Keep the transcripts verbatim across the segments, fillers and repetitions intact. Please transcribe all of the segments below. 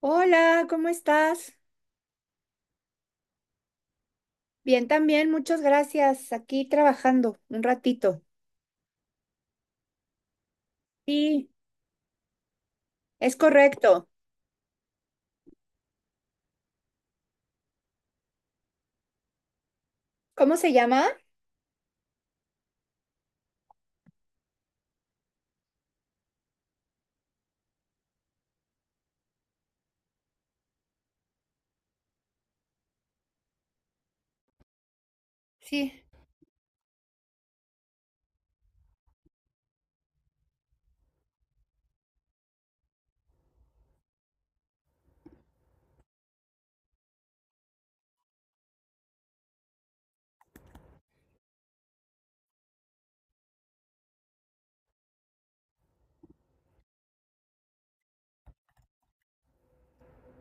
Hola, ¿cómo estás? Bien, también, muchas gracias. Aquí trabajando un ratito. Sí, es correcto. ¿Cómo se llama? Sí.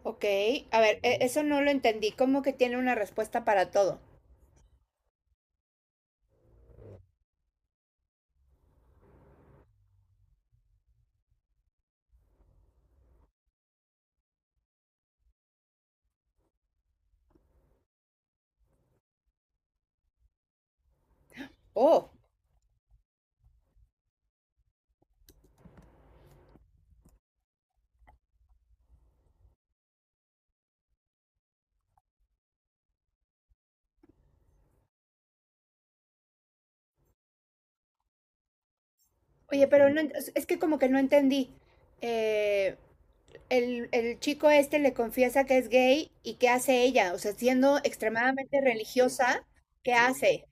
Ok, a ver, e- eso no lo entendí. ¿Cómo que tiene una respuesta para todo? Oh, oye, pero no, ent- es que como que no entendí. Eh, el, el chico este le confiesa que es gay y ¿qué hace ella? O sea, siendo extremadamente religiosa, ¿qué hace?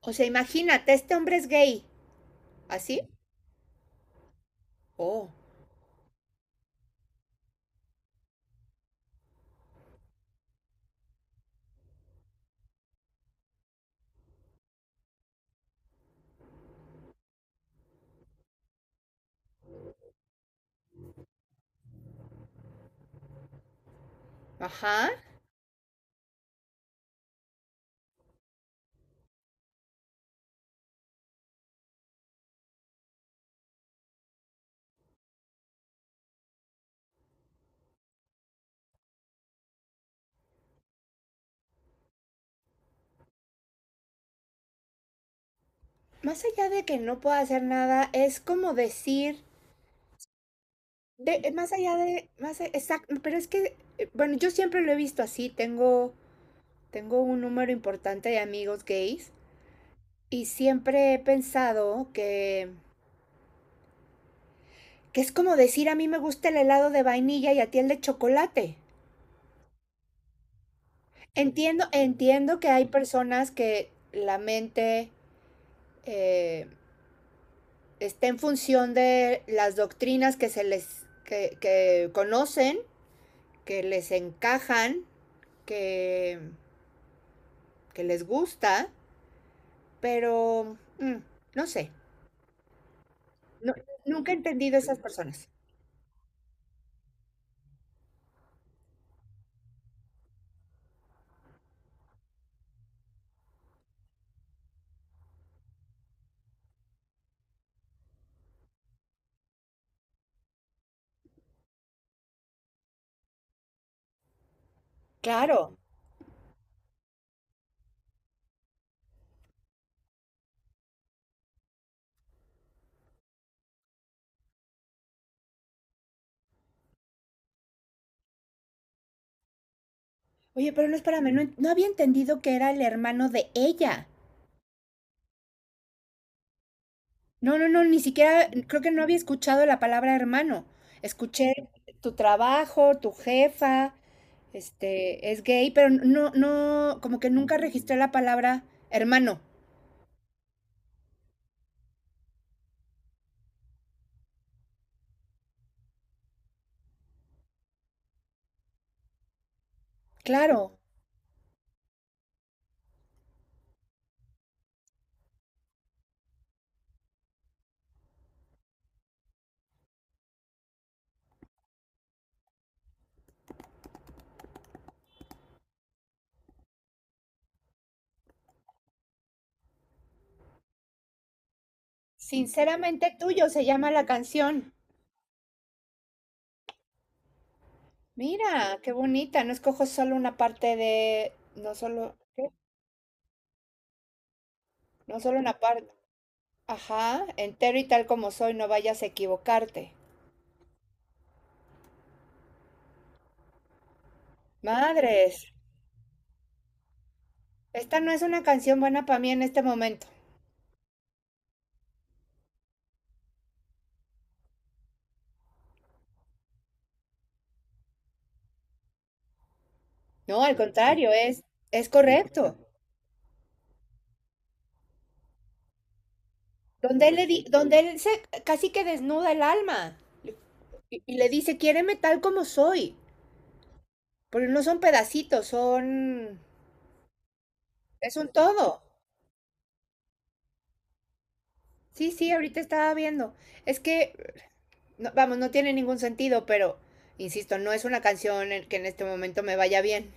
O sea, imagínate, este hombre es gay. ¿Así? Oh, ajá. Más allá de que no pueda hacer nada, es como decir, de, eh, más allá de, más exacto, pero es que, eh, bueno, yo siempre lo he visto así, tengo, tengo un número importante de amigos gays y siempre he pensado que, que es como decir a mí me gusta el helado de vainilla y a ti el de chocolate. Entiendo, entiendo que hay personas que la mente eh, está en función de las doctrinas que se les que, que conocen que les encajan, que, que les gusta, pero mm, no sé, no- nunca he entendido a esas personas. Claro. Oye, pero no, espérame, no, no había entendido que era el hermano de ella. No, no, no, ni siquiera, creo que no había escuchado la palabra hermano. Escuché tu trabajo, tu jefa, este, es gay, pero no, no, como que nunca registré la palabra hermano. Claro, sinceramente tuyo se llama la canción. Mira, qué bonita. No escojo solo una parte de, no solo, ¿qué? No solo una parte. Ajá, entero y tal como soy, no vayas a equivocarte. Madres, esta no es una canción buena para mí en este momento. No, al contrario, es, es correcto. Donde él le di- donde él se casi que desnuda el alma y, y le dice, quiéreme tal como soy. Porque no son pedacitos, son, es un todo. Sí, sí, ahorita estaba viendo. Es que no, vamos, no tiene ningún sentido, pero, insisto, no es una canción que en este momento me vaya bien.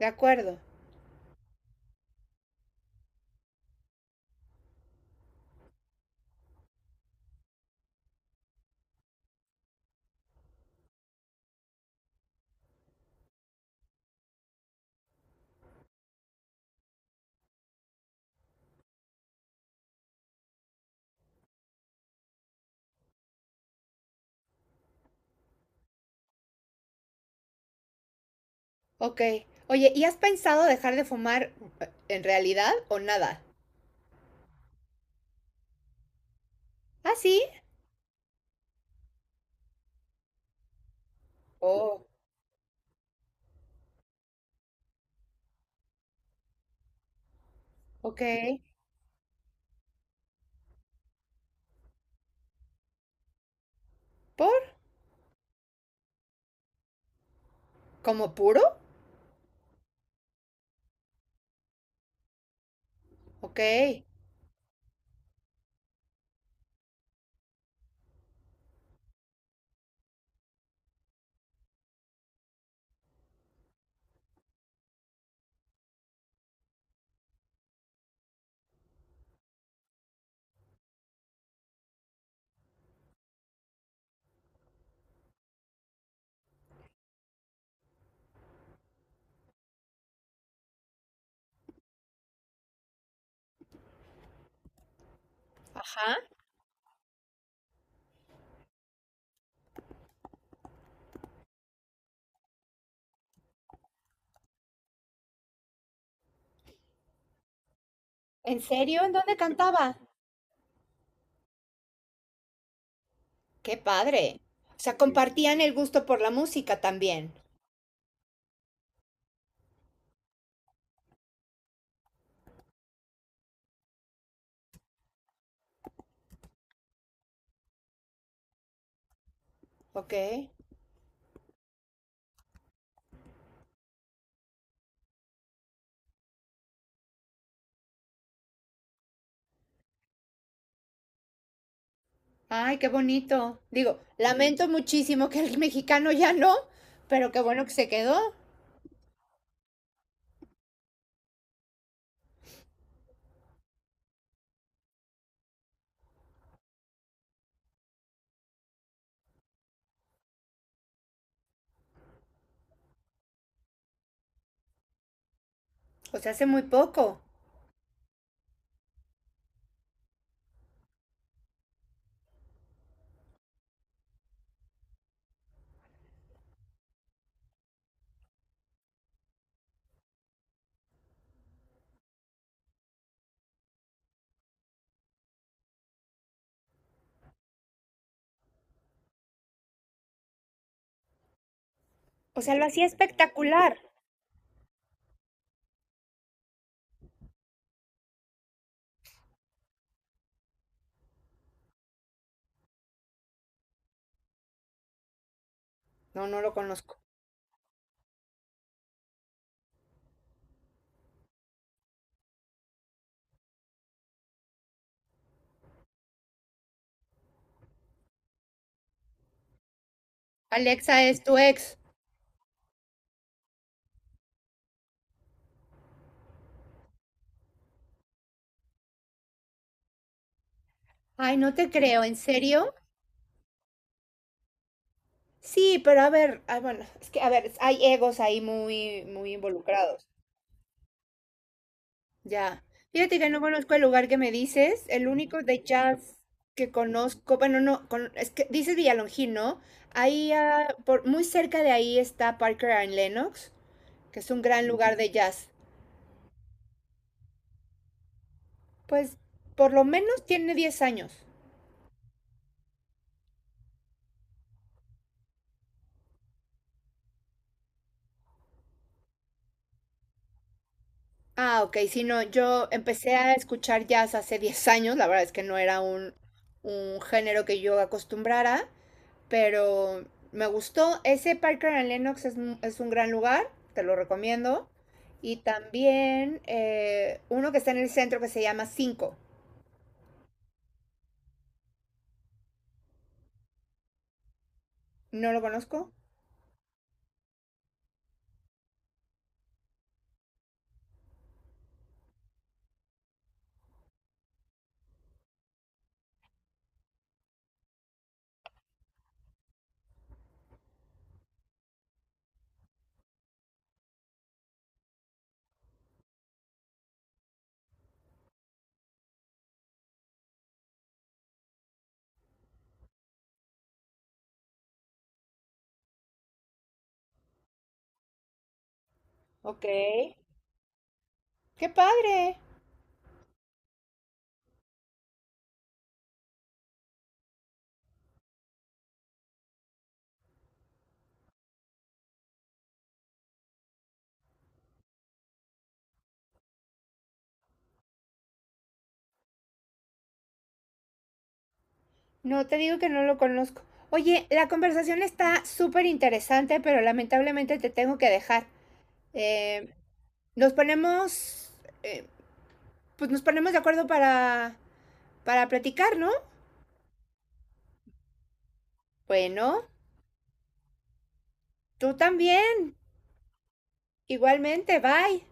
De acuerdo. Ok. Oye, ¿y has pensado dejar de fumar eh, en realidad o nada? ¿Ah, sí? Oh, ok. ¿Por? ¿Como puro? Ok. Ajá. ¿En serio? ¿En dónde cantaba? Qué padre. O sea, compartían el gusto por la música también. Ok. Ay, qué bonito. Digo, lamento muchísimo que el mexicano ya no, pero qué bueno que se quedó. ¿O pues hace muy poco? O sea, lo hacía espectacular. No, no lo conozco. Alexa es tu ex. Ay, no te creo, ¿en serio? Sí, pero a ver, ay, bueno, es que a ver, hay egos ahí muy, muy involucrados. Ya. Fíjate que no conozco el lugar que me dices. El único de jazz que conozco, bueno, no, con- es que dices Villalongín, ¿no? Ahí, ah, por, muy cerca de ahí está Parker and Lennox, que es un gran lugar de jazz. Pues, por lo menos tiene diez años. Ah, ok, sí, no, yo empecé a escuchar jazz hace diez años, la verdad es que no era un, un género que yo acostumbrara, pero me gustó. Ese Parker and Lennox es, un- es un gran lugar, te lo recomiendo. Y también eh, uno que está en el centro que se llama Cinco. ¿No lo conozco? Ok. ¡Qué padre! No, te digo que no lo conozco. Oye, la conversación está súper interesante, pero lamentablemente te tengo que dejar. Eh, nos ponemos, eh, pues nos ponemos de acuerdo para, para platicar, ¿no? Bueno, tú también, igualmente, bye.